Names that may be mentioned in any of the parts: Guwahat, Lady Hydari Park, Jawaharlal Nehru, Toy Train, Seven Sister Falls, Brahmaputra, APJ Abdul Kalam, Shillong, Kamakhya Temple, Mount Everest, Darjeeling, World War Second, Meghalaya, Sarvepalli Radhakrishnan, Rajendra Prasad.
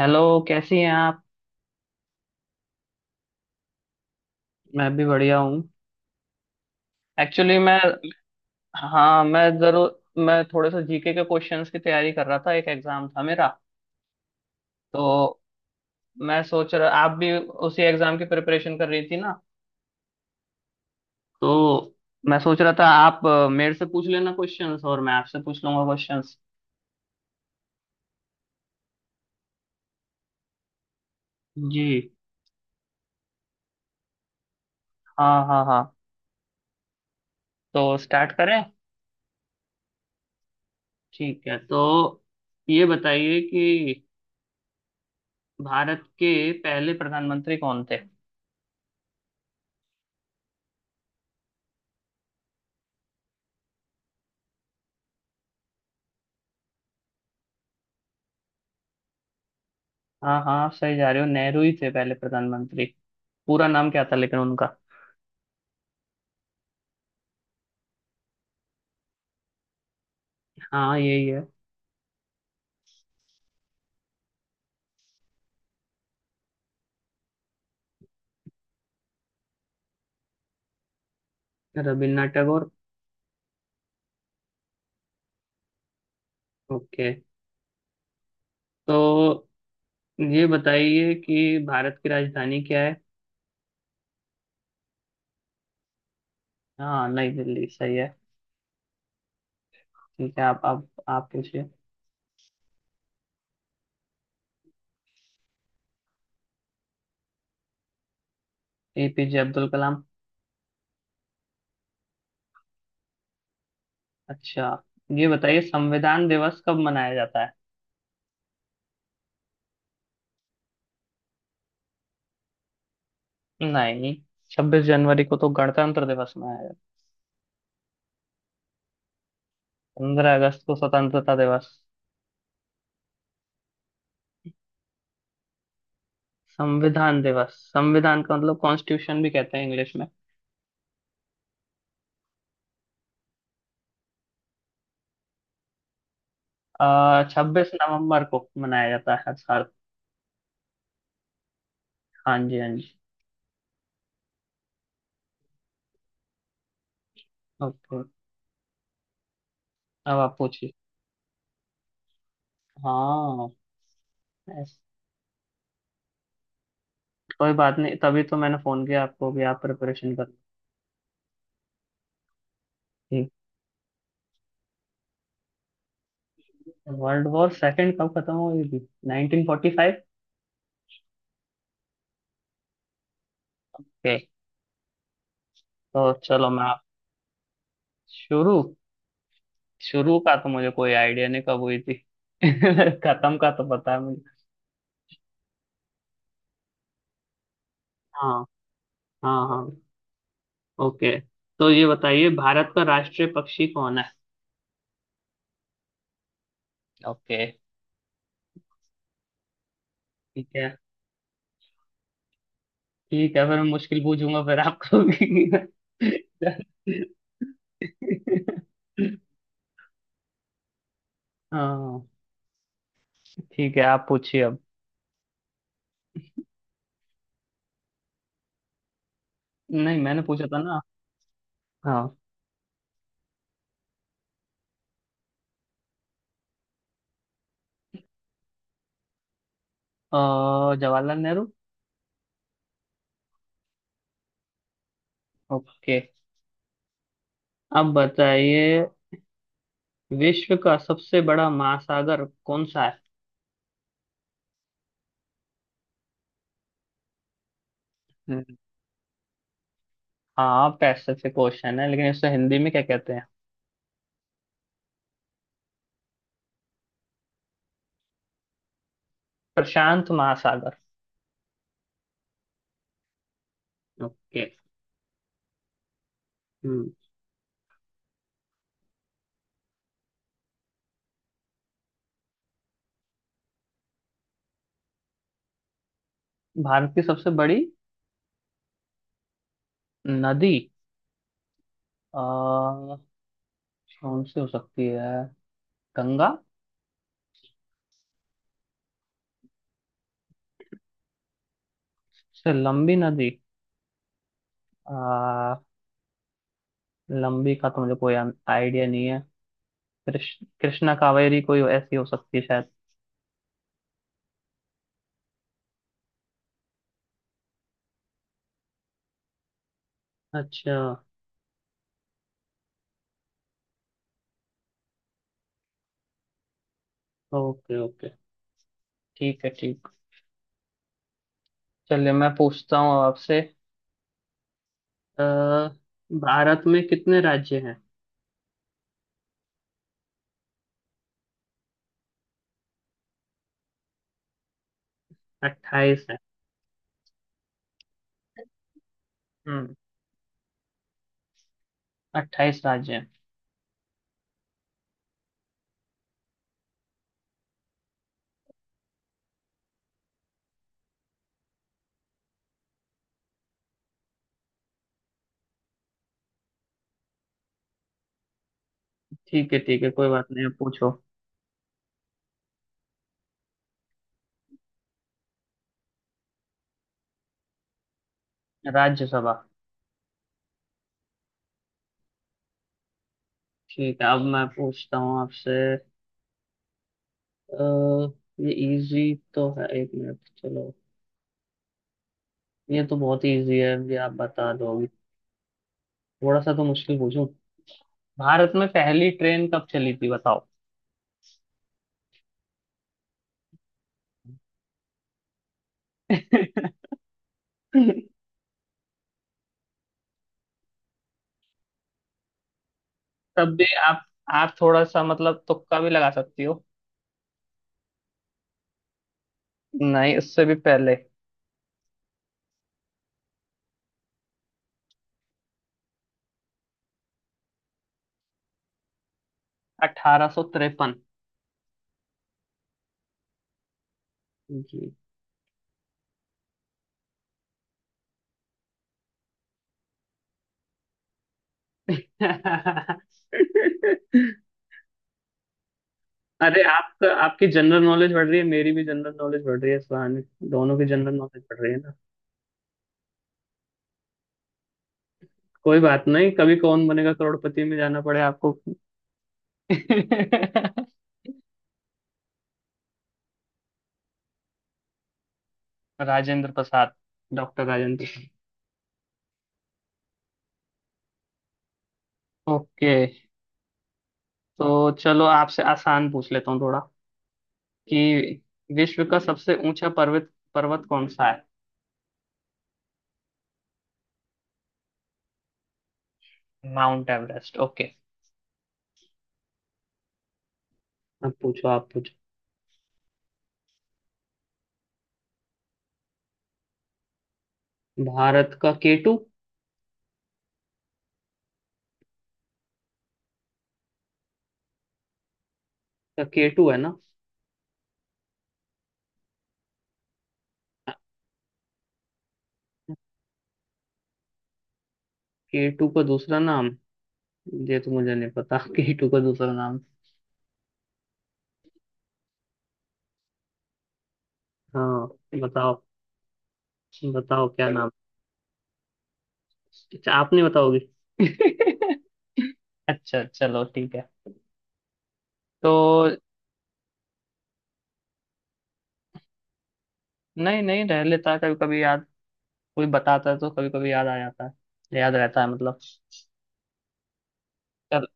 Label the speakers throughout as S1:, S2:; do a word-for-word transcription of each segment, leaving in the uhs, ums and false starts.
S1: Hello. कैसी हैं आप? मैं भी बढ़िया हूँ। एक्चुअली मैं, हाँ मैं जरूर, मैं थोड़े से जीके के क्वेश्चंस की तैयारी कर रहा था, एक एग्जाम था मेरा। तो मैं सोच रहा आप भी उसी एग्जाम की प्रिपरेशन कर रही थी ना? तो मैं सोच रहा था आप अ, मेरे से पूछ लेना क्वेश्चंस और मैं आपसे पूछ लूंगा क्वेश्चंस। जी। हाँ हाँ हाँ। तो स्टार्ट करें? ठीक है, तो ये बताइए कि भारत के पहले प्रधानमंत्री कौन थे? हाँ हाँ, आप सही जा रहे हो, नेहरू ही थे पहले प्रधानमंत्री। पूरा नाम क्या था लेकिन उनका? हाँ यही है। रविन्द्रनाथ टैगोर। ओके, तो ये बताइए कि भारत की राजधानी क्या है? हाँ नई दिल्ली सही है। ठीक है, आप आप आप पूछिए। एपीजे अब्दुल कलाम। अच्छा, ये बताइए संविधान दिवस कब मनाया जाता है? नहीं, छब्बीस जनवरी को तो गणतंत्र दिवस मनाया जाता है। पंद्रह अगस्त को स्वतंत्रता दिवस। संविधान दिवस, संविधान का मतलब कॉन्स्टिट्यूशन भी कहते हैं इंग्लिश में। आ, छब्बीस नवंबर को मनाया जाता है हर साल। हाँ जी हाँ जी। ओके, अब आप पूछिए। हाँ। ऐस- कोई बात नहीं, तभी तो मैंने फोन किया आपको भी, आप प्रिपरेशन कर। ठीक। वर्ल्ड वॉर सेकंड कब खत्म हुई थी? Nineteen forty five. ओके, तो चलो मैं आप। शुरू। शुरू का तो मुझे कोई आइडिया नहीं कब हुई थी खत्म का तो पता है मुझे। हाँ हाँ हाँ। ओके, तो ये बताइए भारत का राष्ट्रीय पक्षी कौन है? ओके। ठीक है, ठीक है, फिर मैं मुश्किल पूछूंगा फिर आपको भी। हाँ, ठीक है आप पूछिए अब। नहीं मैंने पूछा था ना। हाँ। अ, जवाहरलाल नेहरू। ओके, अब बताइए विश्व का सबसे बड़ा महासागर कौन सा है? हम्म। हाँ पैसिफिक ओशन है, लेकिन इसे हिंदी में क्या कहते हैं? प्रशांत महासागर। ओके। हम्म। भारत की सबसे बड़ी नदी। अ, कौन सी हो सकती है? गंगा। से लंबी नदी। अ, लंबी का तो मुझे कोई आइडिया नहीं है। कृष्ण कृष्णा कावेरी कोई ऐसी हो सकती है? अच्छा। ओके ओके, ठीक है ठीक। चलिए मैं पूछता हूँ अब आपसे। अ, भारत में कितने राज्य हैं? अट्ठाईस है। हम्म, अट्ठाईस राज्य हैं। ठीक है ठीक है, कोई बात नहीं आप पूछो। राज्यसभा। ठीक है, अब मैं पूछता हूँ आपसे। अ, ये इजी तो है, एक मिनट चलो, ये तो बहुत इजी है, ये आप बता दोगे, थोड़ा सा तो मुश्किल पूछूं। भारत में पहली ट्रेन कब चली थी बताओ? तब भी आप आप थोड़ा सा मतलब तुक्का भी लगा सकती हो। नहीं, उससे भी पहले। अठारह सौ तिरपन। जी। अरे आपका आपकी जनरल नॉलेज बढ़ रही है, मेरी भी जनरल नॉलेज बढ़ रही है इस बहाने। दोनों की जनरल नॉलेज बढ़ रही है ना। कोई बात नहीं, कभी कौन बनेगा करोड़पति में जाना पड़े आपको। राजेंद्र प्रसाद, डॉक्टर राजेंद्र प्रसाद। ओके, तो चलो आपसे आसान पूछ लेता हूँ थोड़ा कि विश्व का सबसे ऊंचा पर्वत पर्वत कौन सा है? Mount Everest. ओके, अब पूछो, आप पूछो। भारत का केटू। का केटू है ना। केटू का दूसरा नाम? ये तो मुझे नहीं पता। केटू का दूसरा नाम। हाँ। बताओ, बताओ क्या नाम। अच्छा आप नहीं बताओगे। अच्छा चलो ठीक है, तो नहीं नहीं, रह लेता है कभी कभी याद। कोई बताता है तो कभी कभी याद आ जाता है, याद रहता है मतलब। चल,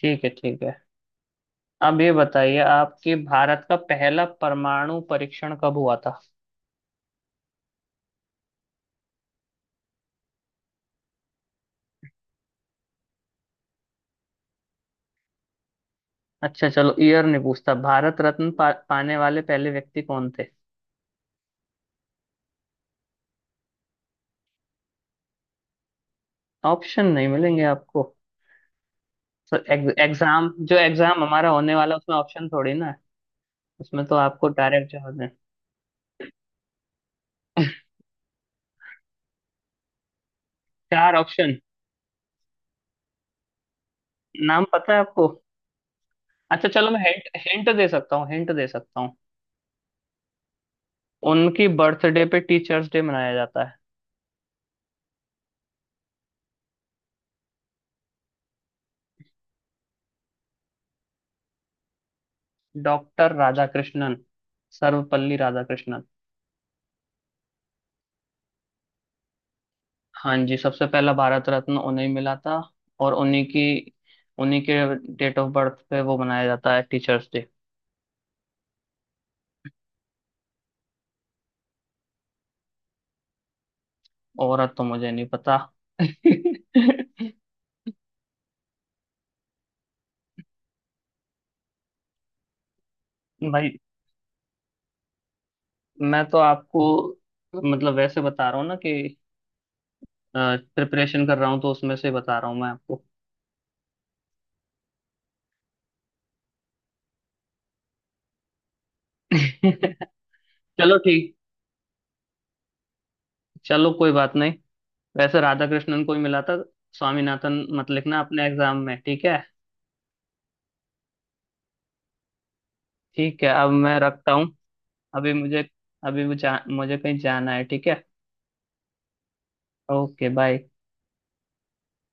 S1: ठीक है ठीक है। अब ये बताइए आपके भारत का पहला परमाणु परीक्षण कब हुआ था? अच्छा चलो, ईयर नहीं पूछता। भारत रत्न पा, पाने वाले पहले व्यक्ति कौन थे? ऑप्शन नहीं मिलेंगे आपको। तो एग- एग्जाम, जो एग्जाम हमारा होने वाला उसमें ऑप्शन थोड़ी ना है। उसमें तो आपको डायरेक्ट जवाब देना। चार ऑप्शन। नाम पता है आपको? अच्छा चलो, मैं हिंट हिंट दे सकता हूँ, हिंट दे सकता हूँ। उनकी बर्थडे पे टीचर्स डे मनाया जाता है। डॉक्टर राधाकृष्णन, सर्वपल्ली राधाकृष्णन। हाँ जी, सबसे पहला भारत रत्न उन्हें मिला था। और उन्हीं की उन्हीं के डेट ऑफ बर्थ पे वो मनाया जाता है टीचर्स डे। और अब तो मुझे नहीं पता। भाई, मैं तो आपको, मतलब वैसे बता रहा हूँ ना, कि प्रिपरेशन कर रहा हूँ तो उसमें से बता रहा हूँ मैं आपको। चलो ठीक, चलो कोई बात नहीं, वैसे राधा कृष्णन को ही मिला था। स्वामीनाथन मत लिखना अपने एग्जाम में, ठीक है? ठीक है, अब मैं रखता हूँ। अभी मुझे अभी मुझे मुझे कहीं जाना है, ठीक है? Okay bye.